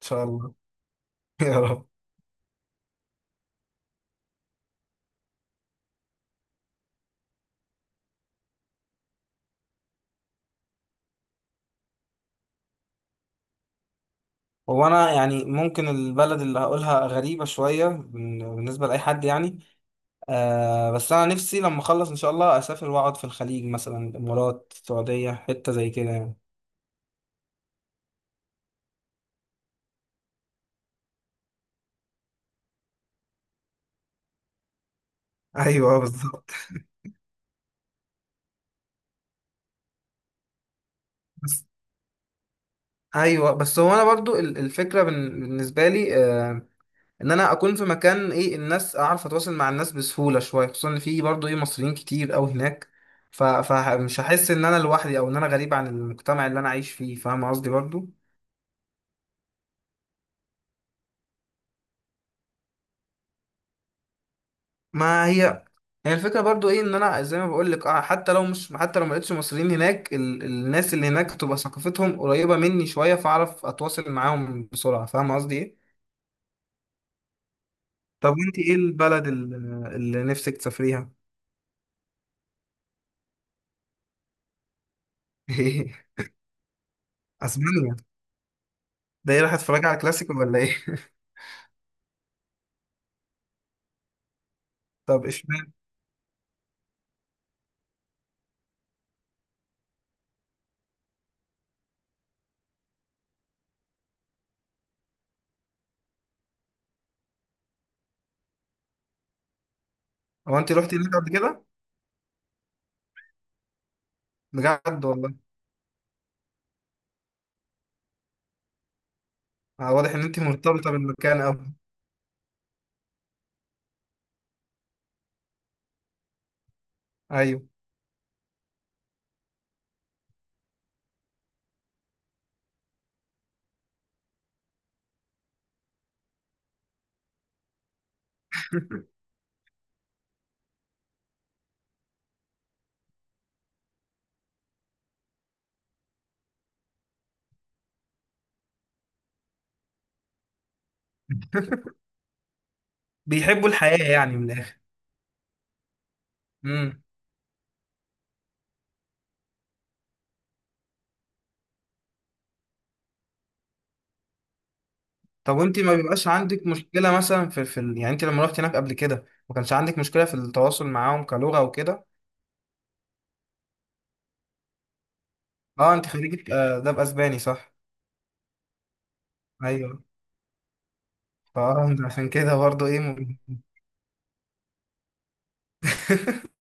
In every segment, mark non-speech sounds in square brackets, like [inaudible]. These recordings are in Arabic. شاء الله. [laughs] يا رب. هو انا يعني ممكن البلد اللي هقولها غريبة شوية بالنسبة لأي حد يعني. بس أنا نفسي لما أخلص إن شاء الله أسافر وأقعد في الخليج مثلا الإمارات، السعودية، حتة زي كده يعني. ايوه، بالظبط. بس ايوه، بس هو انا برضو الفكره بالنسبه لي، آه ان انا اكون في مكان ايه الناس، اعرف اتواصل مع الناس بسهوله شويه، خصوصا ان في برضو ايه مصريين كتير قوي هناك. فمش هحس ان انا لوحدي او ان انا غريب عن المجتمع اللي انا عايش فيه، فاهم قصدي برضو. ما هي الفكرة برضو ايه، ان انا زي ما بقول لك حتى لو ما لقيتش مصريين هناك الناس اللي هناك تبقى ثقافتهم قريبة مني شوية، فاعرف اتواصل معاهم بسرعة، فاهم قصدي ايه. طب وانت ايه البلد اللي نفسك تسافريها؟ [laughs] اسبانيا؟ ده ايه، رايحة اتفرج على كلاسيكو ولا ايه؟ [laughs] طب اشمعنى؟ هو انت رحتي هناك قبل كده؟ بجد والله. واضح ان انت مرتبطة بالمكان اوي. ايوه. [laughs] بيحبوا الحياة، يعني من الاخر. طب وانت ما بيبقاش عندك مشكلة مثلا في يعني انت لما رحت هناك قبل كده ما كانش عندك مشكلة في التواصل معاهم كلغة وكده؟ اه، انت خريجة، ده بأسباني صح؟ ايوه. فاه انت [laughs] عشان كده برضه ايه [laughs]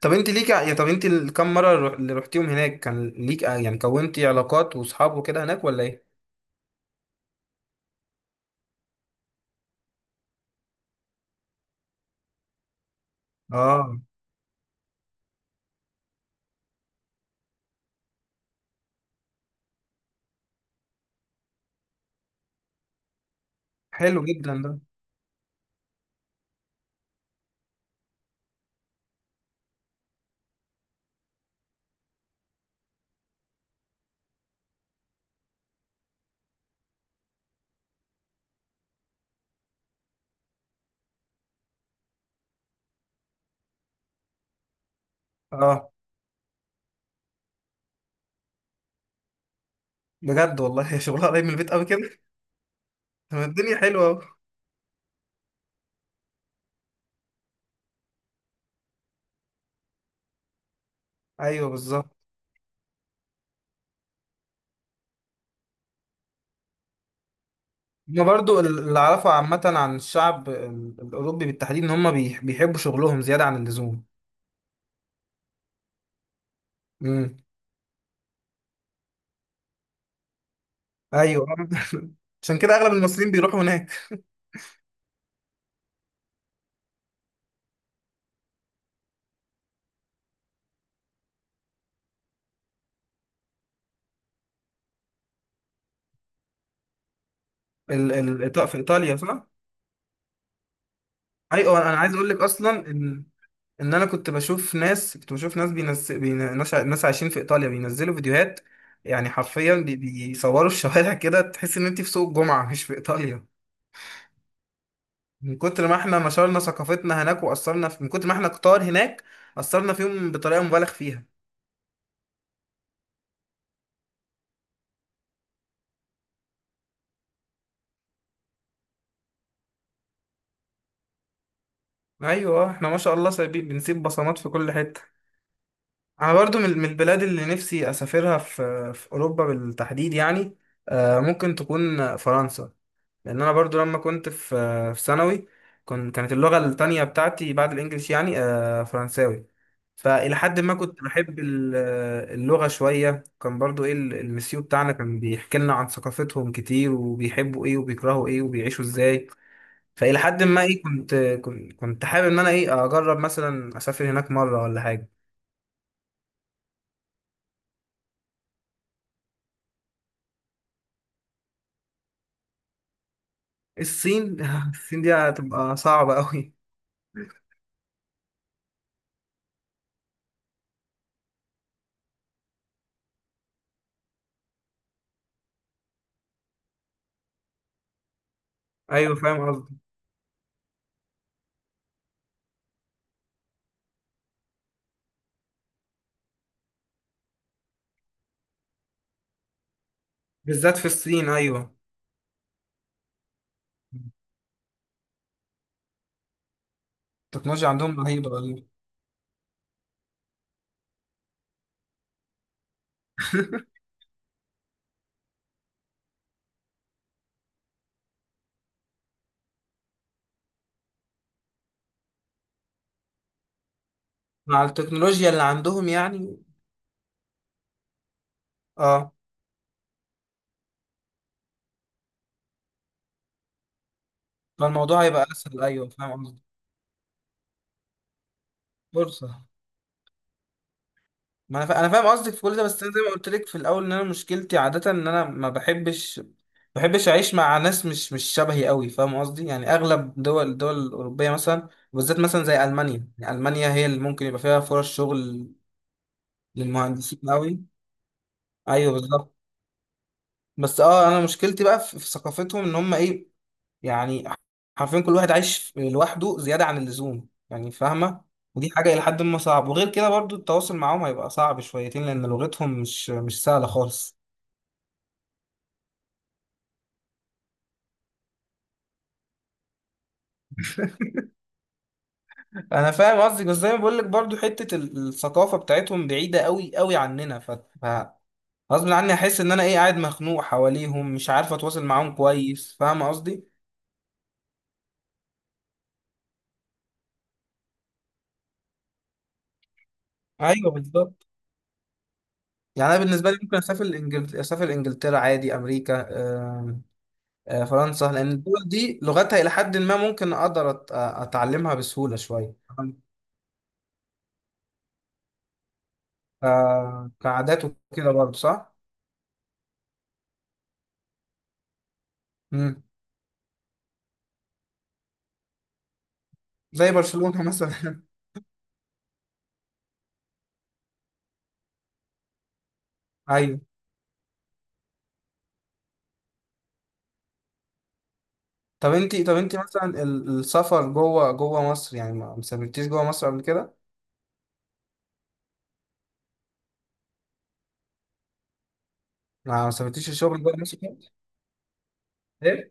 طب انت ليك ع- يا طب انت الكام مرة اللي رحتيهم هناك كان ليك، يعني كونتي علاقات واصحاب وكده هناك ولا ايه؟ اه. حلو جدا ده. اه بجد والله. [laughs] هي شغلها قريب من البيت قوي كده. طب الدنيا حلوة اهو. ايوه بالظبط. هما برضو اللي أعرفه عامة عن الشعب الأوروبي بالتحديد، إن هما بيحبوا شغلهم زيادة عن اللزوم. امم. أيوه. [laughs] عشان كده أغلب المصريين بيروحوا هناك. في إيطاليا، صح؟ أيوه. أنا عايز أقول لك أصلا إن أنا كنت بشوف ناس، بينز... بين... ناس... ع- ناس عايشين في إيطاليا بينزلوا فيديوهات، يعني حرفيا بيصوروا الشوارع. [laughs] كده تحس إن أنت في سوق الجمعة مش في إيطاليا. من كتر ما إحنا نشرنا ثقافتنا هناك، من كتر ما إحنا كتار هناك أثرنا فيهم بطريقة مبالغ فيها. ايوه. احنا ما شاء الله بنسيب بصمات في كل حته. انا برضو من البلاد اللي نفسي اسافرها في اوروبا بالتحديد، يعني ممكن تكون فرنسا. لان انا برضو لما كنت في ثانوي، كانت اللغه التانية بتاعتي بعد الانجليش، يعني فرنساوي. فالى حد ما كنت بحب اللغه شويه. كان برضو ايه المسيو بتاعنا كان بيحكي لنا عن ثقافتهم كتير، وبيحبوا ايه وبيكرهوا ايه وبيعيشوا ازاي. فإلى حد ما إيه كنت حابب إن أنا إيه أجرب مثلا أسافر هناك مرة ولا حاجة. الصين. [laughs] الصين دي هتبقى صعبة أوي. أيوه فاهم قصدي. بالذات في الصين، أيوه. التكنولوجيا عندهم رهيبة رهيبة. [laughs] مع التكنولوجيا اللي عندهم يعني. اه. فالموضوع هيبقى اسهل، ايوه فاهم قصدك. فرصه. ما انا انا فاهم قصدك في كل ده، بس انا زي ما قلت لك في الاول ان انا مشكلتي عاده ان انا ما بحبش اعيش مع ناس مش شبهي قوي، فاهم قصدي، يعني اغلب الدول الاوروبيه مثلا، وبالذات مثلا زي المانيا، يعني المانيا هي اللي ممكن يبقى فيها فرص شغل للمهندسين قوي. ايوه بالظبط. بس انا مشكلتي بقى في ثقافتهم، ان هم ايه، يعني حرفيا كل واحد عايش لوحده زياده عن اللزوم، يعني فاهمه. ودي حاجه الى حد ما صعب، وغير كده برضو التواصل معاهم هيبقى صعب شويتين لان لغتهم مش سهله خالص. انا فاهم قصدك، بس زي ما بقول لك برضو حته الثقافه بتاعتهم بعيده قوي قوي عننا، غصب عني احس ان انا ايه قاعد مخنوق حواليهم، مش عارف اتواصل معاهم كويس، فاهم قصدي. ايوه بالظبط. يعني انا بالنسبه لي ممكن اسافر انجلترا عادي، امريكا، آم، فرنسا، لان الدول دي لغتها الى حد ما ممكن اقدر اتعلمها بسهوله شويه. ف- كعادات وكده برضو صح. مم. زي برشلونه مثلا. [laughs] ايوه. طب انتي، مثلا السفر جوه مصر، يعني ما سافرتيش جوه مصر قبل كده؟ ما سافرتيش الشغل جوه مصر كده؟ ايه؟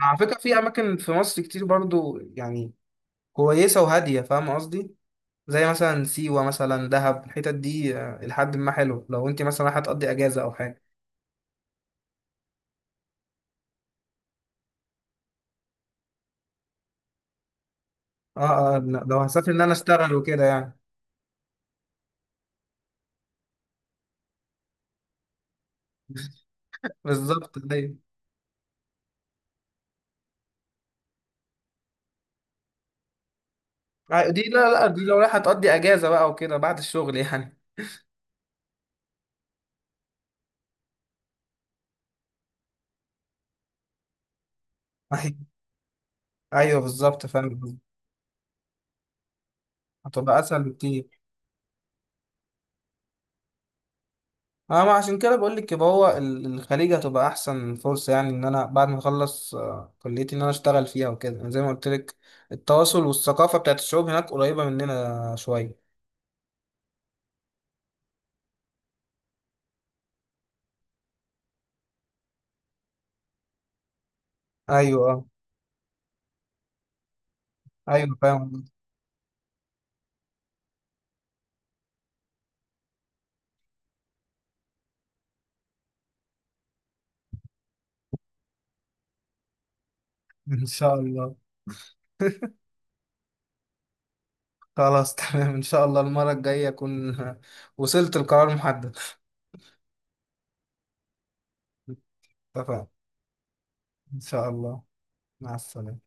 على فكرة في أماكن في مصر كتير برضو، يعني كويسة وهادية، فاهم قصدي؟ زي مثلا سيوة، مثلا دهب، الحتت دي لحد ما حلو لو انتي مثلا رايحة تقضي أجازة أو حاجة. اه اه، لا، لو هسافر إن أنا أشتغل وكده يعني. بالظبط دي. دي، لا لا، دي لو رايحة تقضي أجازة بقى وكده بعد الشغل يعني. [laughs] أيوه. أيوه بالظبط فاهم قصدي. هتبقى أسهل بكتير. اه، ما عشان كده بقول لك يبقى هو الخليج هتبقى احسن فرصه، يعني ان انا بعد ما اخلص كليتي ان انا اشتغل فيها وكده، يعني زي ما قلت لك التواصل والثقافه بتاعت الشعوب هناك قريبه مننا شويه. ايوه. اه. ايوه فاهم. [laughs] ان شاء الله. [laughs] خلاص تمام، ان شاء الله المره الجايه اكون [laughs] وصلت لقرار محدد. [laughs] اتفقنا. ان شاء الله. مع السلامه.